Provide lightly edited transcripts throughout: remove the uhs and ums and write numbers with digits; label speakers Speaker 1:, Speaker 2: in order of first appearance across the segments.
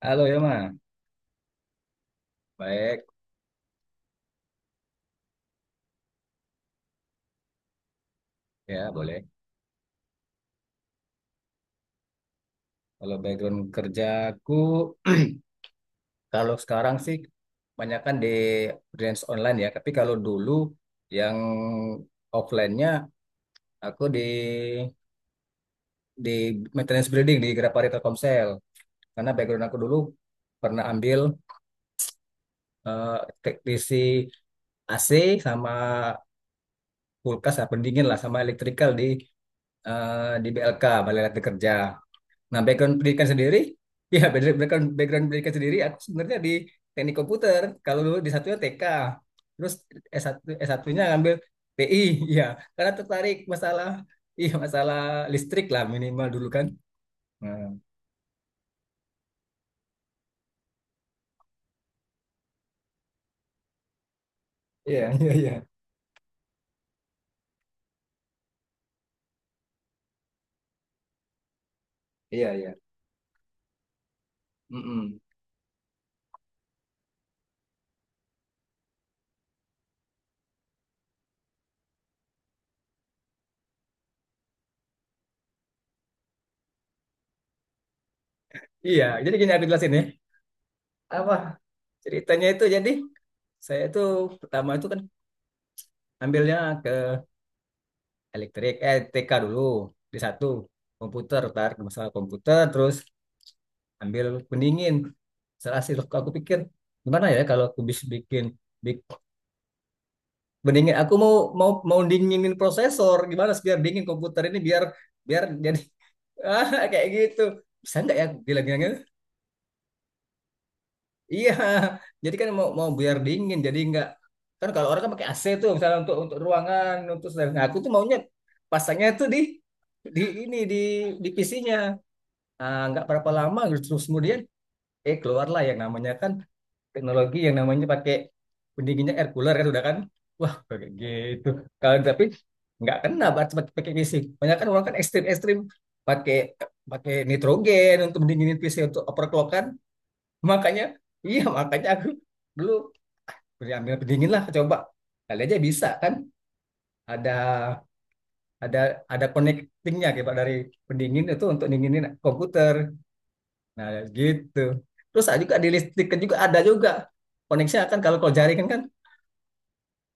Speaker 1: Halo Yoma, baik ya boleh. Kalau background kerjaku, kalau sekarang sih kebanyakan di freelance online ya. Tapi kalau dulu yang offline-nya aku di maintenance building di Grapari Telkomsel. Karena background aku dulu pernah ambil eh, teknisi AC sama kulkas, apa pendingin lah sama elektrikal di BLK, Balai Latihan Kerja. Nah, background pendidikan sendiri, ya background background pendidikan sendiri aku sebenarnya di teknik komputer. Kalau dulu di satunya TK, terus s satu s S1-nya ngambil TI, ya karena tertarik masalah iya masalah listrik lah minimal dulu kan. Nah, iya, iya, iya. Iya, iya. Mm-mm. Iya, jadi gini aku jelasin ya. Apa ceritanya itu jadi saya itu pertama itu kan ambilnya ke elektrik, eh TK dulu di satu komputer, tar masalah komputer terus ambil pendingin. Setelah hasil aku pikir gimana ya kalau aku bisa bik- pendingin. Aku mau mau mau dinginin prosesor gimana sih biar dingin komputer ini biar biar jadi ah, kayak gitu. Bisa nggak ya aku bilang gitu. Iya. Jadi kan mau mau biar dingin jadi nggak kan kalau orang kan pakai AC tuh misalnya untuk ruangan untuk sedang. Nah, aku tuh maunya pasangnya tuh di ini di PC-nya. Ah, nggak berapa lama terus kemudian keluarlah yang namanya kan teknologi yang namanya pakai pendinginnya air cooler kan sudah kan wah kayak gitu kalau tapi nggak kena berarti pakai pakai PC banyak kan orang kan ekstrim ekstrim pakai pakai nitrogen untuk mendinginin PC untuk overclock kan makanya iya makanya aku dulu ambil pendingin lah coba kali aja bisa kan ada ada ada connectingnya kayak dari pendingin itu untuk dinginin komputer nah gitu terus ada juga di listrik kan juga ada juga koneksi kan kalau kalau jaringan kan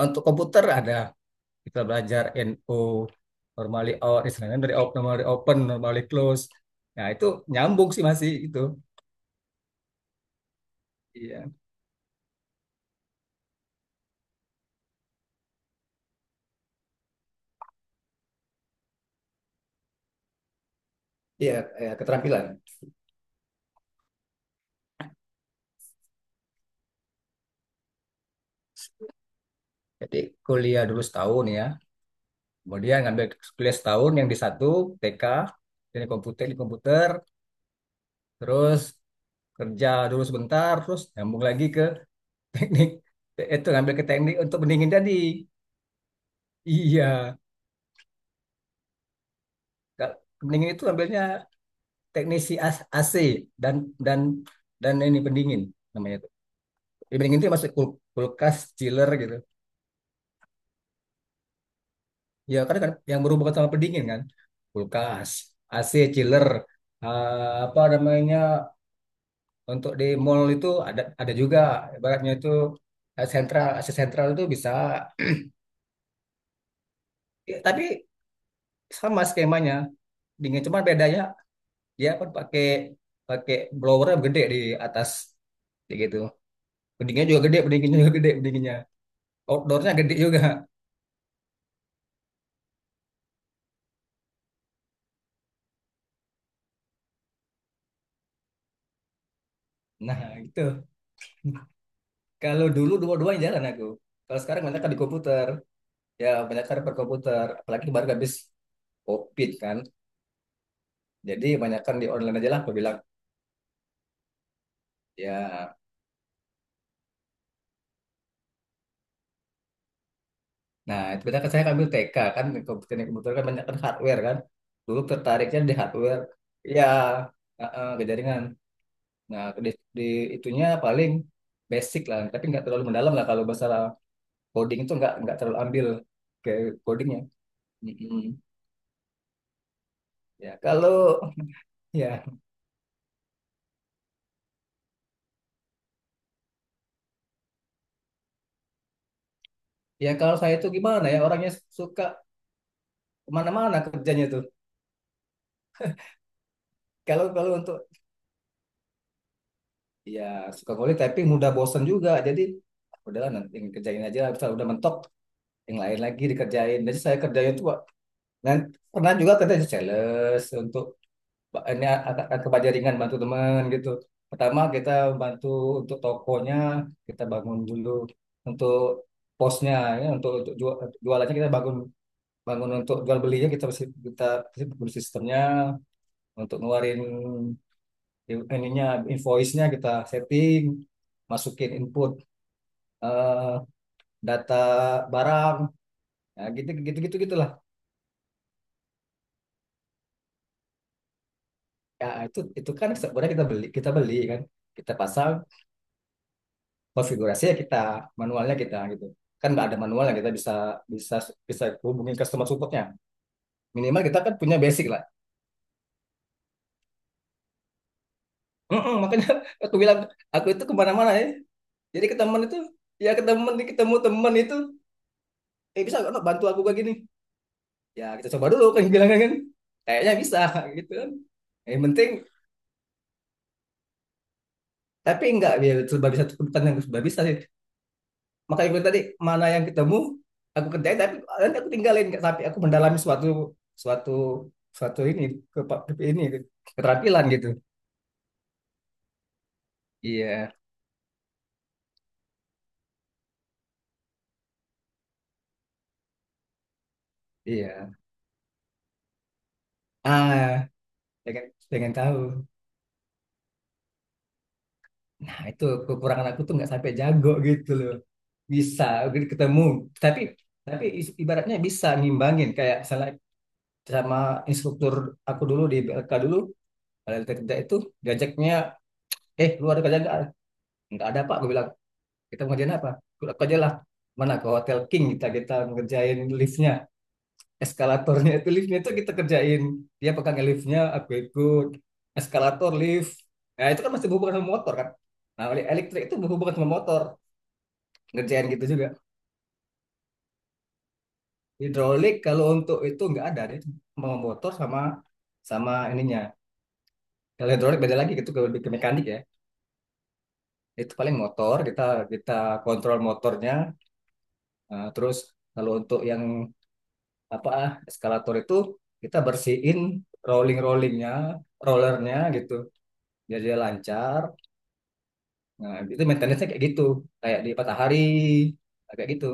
Speaker 1: untuk komputer ada kita belajar NO, normally out, istilahnya dari out, normally open, normally close. Nah, itu nyambung sih masih itu. Iya. Iya, keterampilan. Jadi kuliah dulu setahun ya. Kemudian ngambil kuliah setahun yang di satu TK, jadi komputer di komputer, terus kerja dulu sebentar, terus nyambung lagi ke teknik. Itu ngambil ke teknik untuk pendingin tadi. Iya. Pendingin itu ambilnya AC dan dan dan ini pendingin namanya itu. Ya, pendingin itu masuk kulkas, chiller gitu. Ya karena kan yang berhubungan sama pendingin kan, kulkas, AC, chiller, apa namanya untuk di mall itu ada juga ibaratnya itu sentral AC sentral itu bisa. Ya, tapi sama skemanya dingin cuma bedanya dia kan pakai pakai blower gede di atas kayak gitu pendinginnya juga gede pendinginnya juga gede pendinginnya outdoornya gede juga. Nah, gitu. Kalau dulu dua-duanya jalan aku. Kalau sekarang banyak kan di komputer. Ya, banyak kan per komputer. Apalagi baru habis COVID kan. Jadi banyak kan di online aja lah aku bilang. Ya, nah itu banyak kan saya ambil TK kan. Di komputer di komputer kan banyak kan hardware kan. Dulu tertariknya di hardware. Ya, uh-uh, ke jaringan. Nah, di itunya paling basic lah. Tapi nggak terlalu mendalam lah kalau masalah coding itu nggak terlalu ambil ke codingnya. Mm-mm. Ya, kalau ya. Ya kalau saya itu gimana ya orangnya suka kemana-mana kerjanya tuh. Kalau kalau untuk ya suka ngulik tapi mudah bosan juga. Jadi ah, udahlah nanti yang kerjain aja. Misal udah mentok yang lain lagi dikerjain. Jadi saya kerjain tuh Pak. Dan pernah juga kerja di sales untuk ini akan kebaja ringan bantu teman gitu. Pertama kita bantu untuk tokonya kita bangun dulu untuk posnya ya untuk jualannya kita bangun bangun untuk jual belinya kita kita, kita sistemnya untuk ngeluarin ininya invoice-nya kita setting masukin input eh, data barang ya gitu gitu gitu gitulah Ya itu kan sebenarnya kita beli kan kita pasang konfigurasinya kita manualnya kita gitu kan nggak ada manualnya kita bisa bisa bisa hubungin customer supportnya minimal kita kan punya basic lah. Mm-mm, makanya aku bilang aku itu kemana-mana ya jadi ke teman itu ya ke teman ketemu teman itu eh bisa nggak Nok, bantu aku kayak gini ya kita coba dulu kan bilang kan kan. Kayaknya bisa gitu kan yang penting tapi enggak ya serba bisa tuh bukan yang serba bisa sih makanya gue tadi mana yang ketemu aku kerjain tapi nanti aku tinggalin nggak sampai aku mendalami suatu suatu suatu ini ke, ke ini keterampilan gitu iya iya ah pengen pengen tahu nah itu kekurangan aku tuh nggak sampai jago gitu loh bisa gitu ketemu tapi tapi ibaratnya bisa ngimbangin kayak misalnya sama instruktur aku dulu di BLK dulu kalau kerja kerja itu diajaknya eh lu ada kerja nggak ada pak gue bilang kita mau kerjain apa aku aja lah mana ke Hotel King kita kita ngerjain liftnya eskalatornya itu liftnya itu kita kerjain dia pegang liftnya aku ikut eskalator lift nah itu kan masih berhubungan sama motor kan nah oleh elektrik itu berhubungan sama motor ngerjain gitu juga hidrolik kalau untuk itu nggak ada dia cuma motor sama sama ininya kalau hidrolik beda lagi itu ke mekanik ya itu paling motor kita kita kontrol motornya terus kalau untuk yang apa ah, eskalator itu kita bersihin rollingnya rollernya gitu biar dia lancar nah itu maintenance-nya kayak gitu kayak di matahari kayak gitu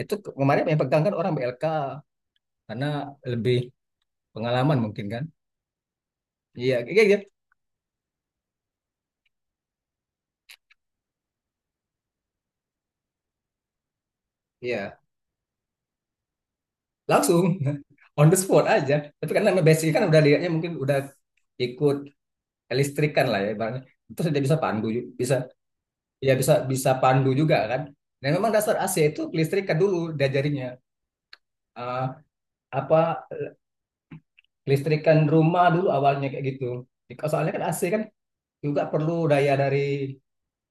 Speaker 1: itu kemarin yang pegang kan orang BLK karena lebih pengalaman mungkin kan iya. Iya. Langsung on the spot aja tapi karena basic kan udah lihatnya mungkin udah ikut listrikan lah ya ibaratnya terus dia bisa bisa ya bisa bisa pandu juga kan dan memang dasar AC itu listrikan dulu diajarinnya. Eh, apa listrikan rumah dulu awalnya kayak gitu. Jadi, soalnya kan AC kan juga perlu daya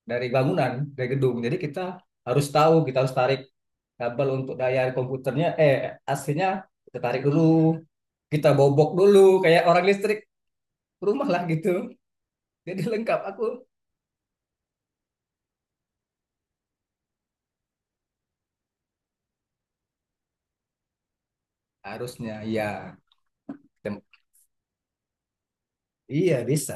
Speaker 1: dari bangunan dari gedung jadi kita harus tahu kita harus tarik kabel untuk daya komputernya AC-nya kita tarik dulu kita bobok dulu kayak orang listrik rumah lah gitu jadi lengkap aku harusnya ya. Tem- iya bisa.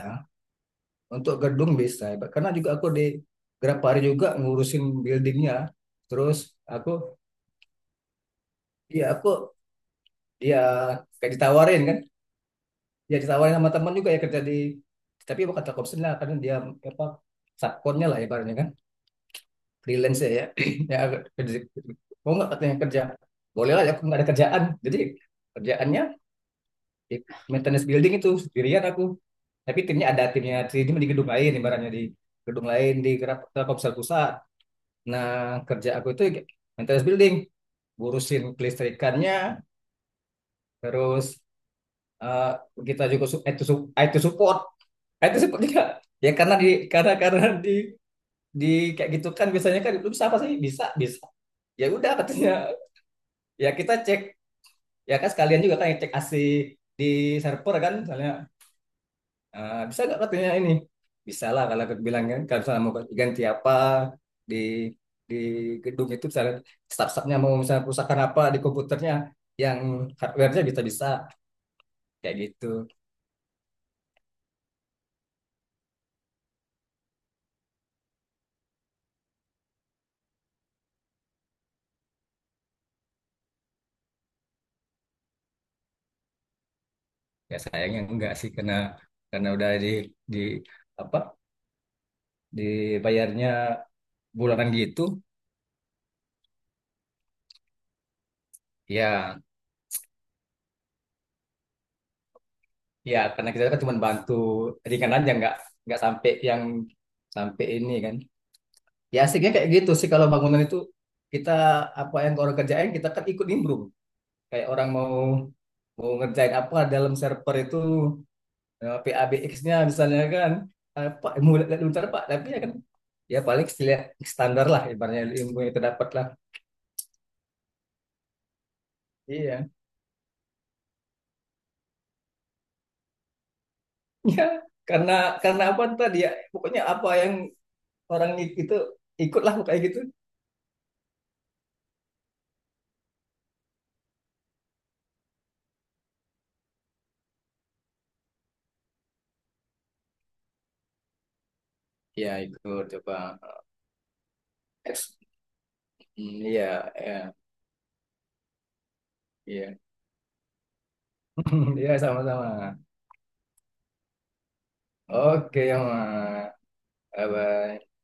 Speaker 1: Untuk gedung bisa, karena juga aku di Grapari juga ngurusin buildingnya. Terus aku, ya aku, ya kayak ditawarin kan, ya ditawarin sama teman juga ya kerja di, tapi bukan kata Kopsen lah, karena dia apa subkonnya lah ibaratnya kan, freelance ya, ya kerja, mau nggak katanya kerja, boleh lah, ya, aku nggak ada kerjaan, jadi kerjaannya di maintenance building itu sendirian aku, tapi timnya ada timnya di gedung lain ibaratnya di gedung lain di Telkomsel pusat. Nah, kerja aku itu maintenance building, ngurusin kelistrikannya, terus eh, kita juga IT, IT support, IT support juga. Ya karena di karena karena di kayak gitu kan biasanya kan lu bisa apa sih? Bisa, bisa. Ya udah katanya. Ya kita cek, ya kan sekalian juga kan yang cek AC di server kan misalnya. Ah, bisa nggak katanya ini? Bisa lah kalau aku bilang kan. Kalau misalnya mau ganti apa di di gedung itu misalnya staff nya mau misalnya perusahaan apa di komputernya yang hardware-nya bisa bisa kayak gitu. Ya sayangnya enggak sih karena udah di apa dibayarnya bulanan gitu. Ya ya karena kita kan cuma bantu ringan aja nggak sampai yang sampai ini kan. Ya asiknya kayak gitu sih kalau bangunan itu kita apa yang orang kerjain kita kan ikut nimbrung. Kayak orang mau mau ngerjain apa dalam server itu PABX-nya misalnya kan apa mau lihat bentar Pak tapi ya kan ya paling lihat standar lah ibaratnya ilmu yang terdapat lah. Iya. Ya karena karena apa tadi ya pokoknya apa yang orang itu ikutlah kayak gitu. Iya ikut coba. Eks- Iya, iya, iya. Iya. Ya, sama-sama. Oke, ya, Mas. Bye bye.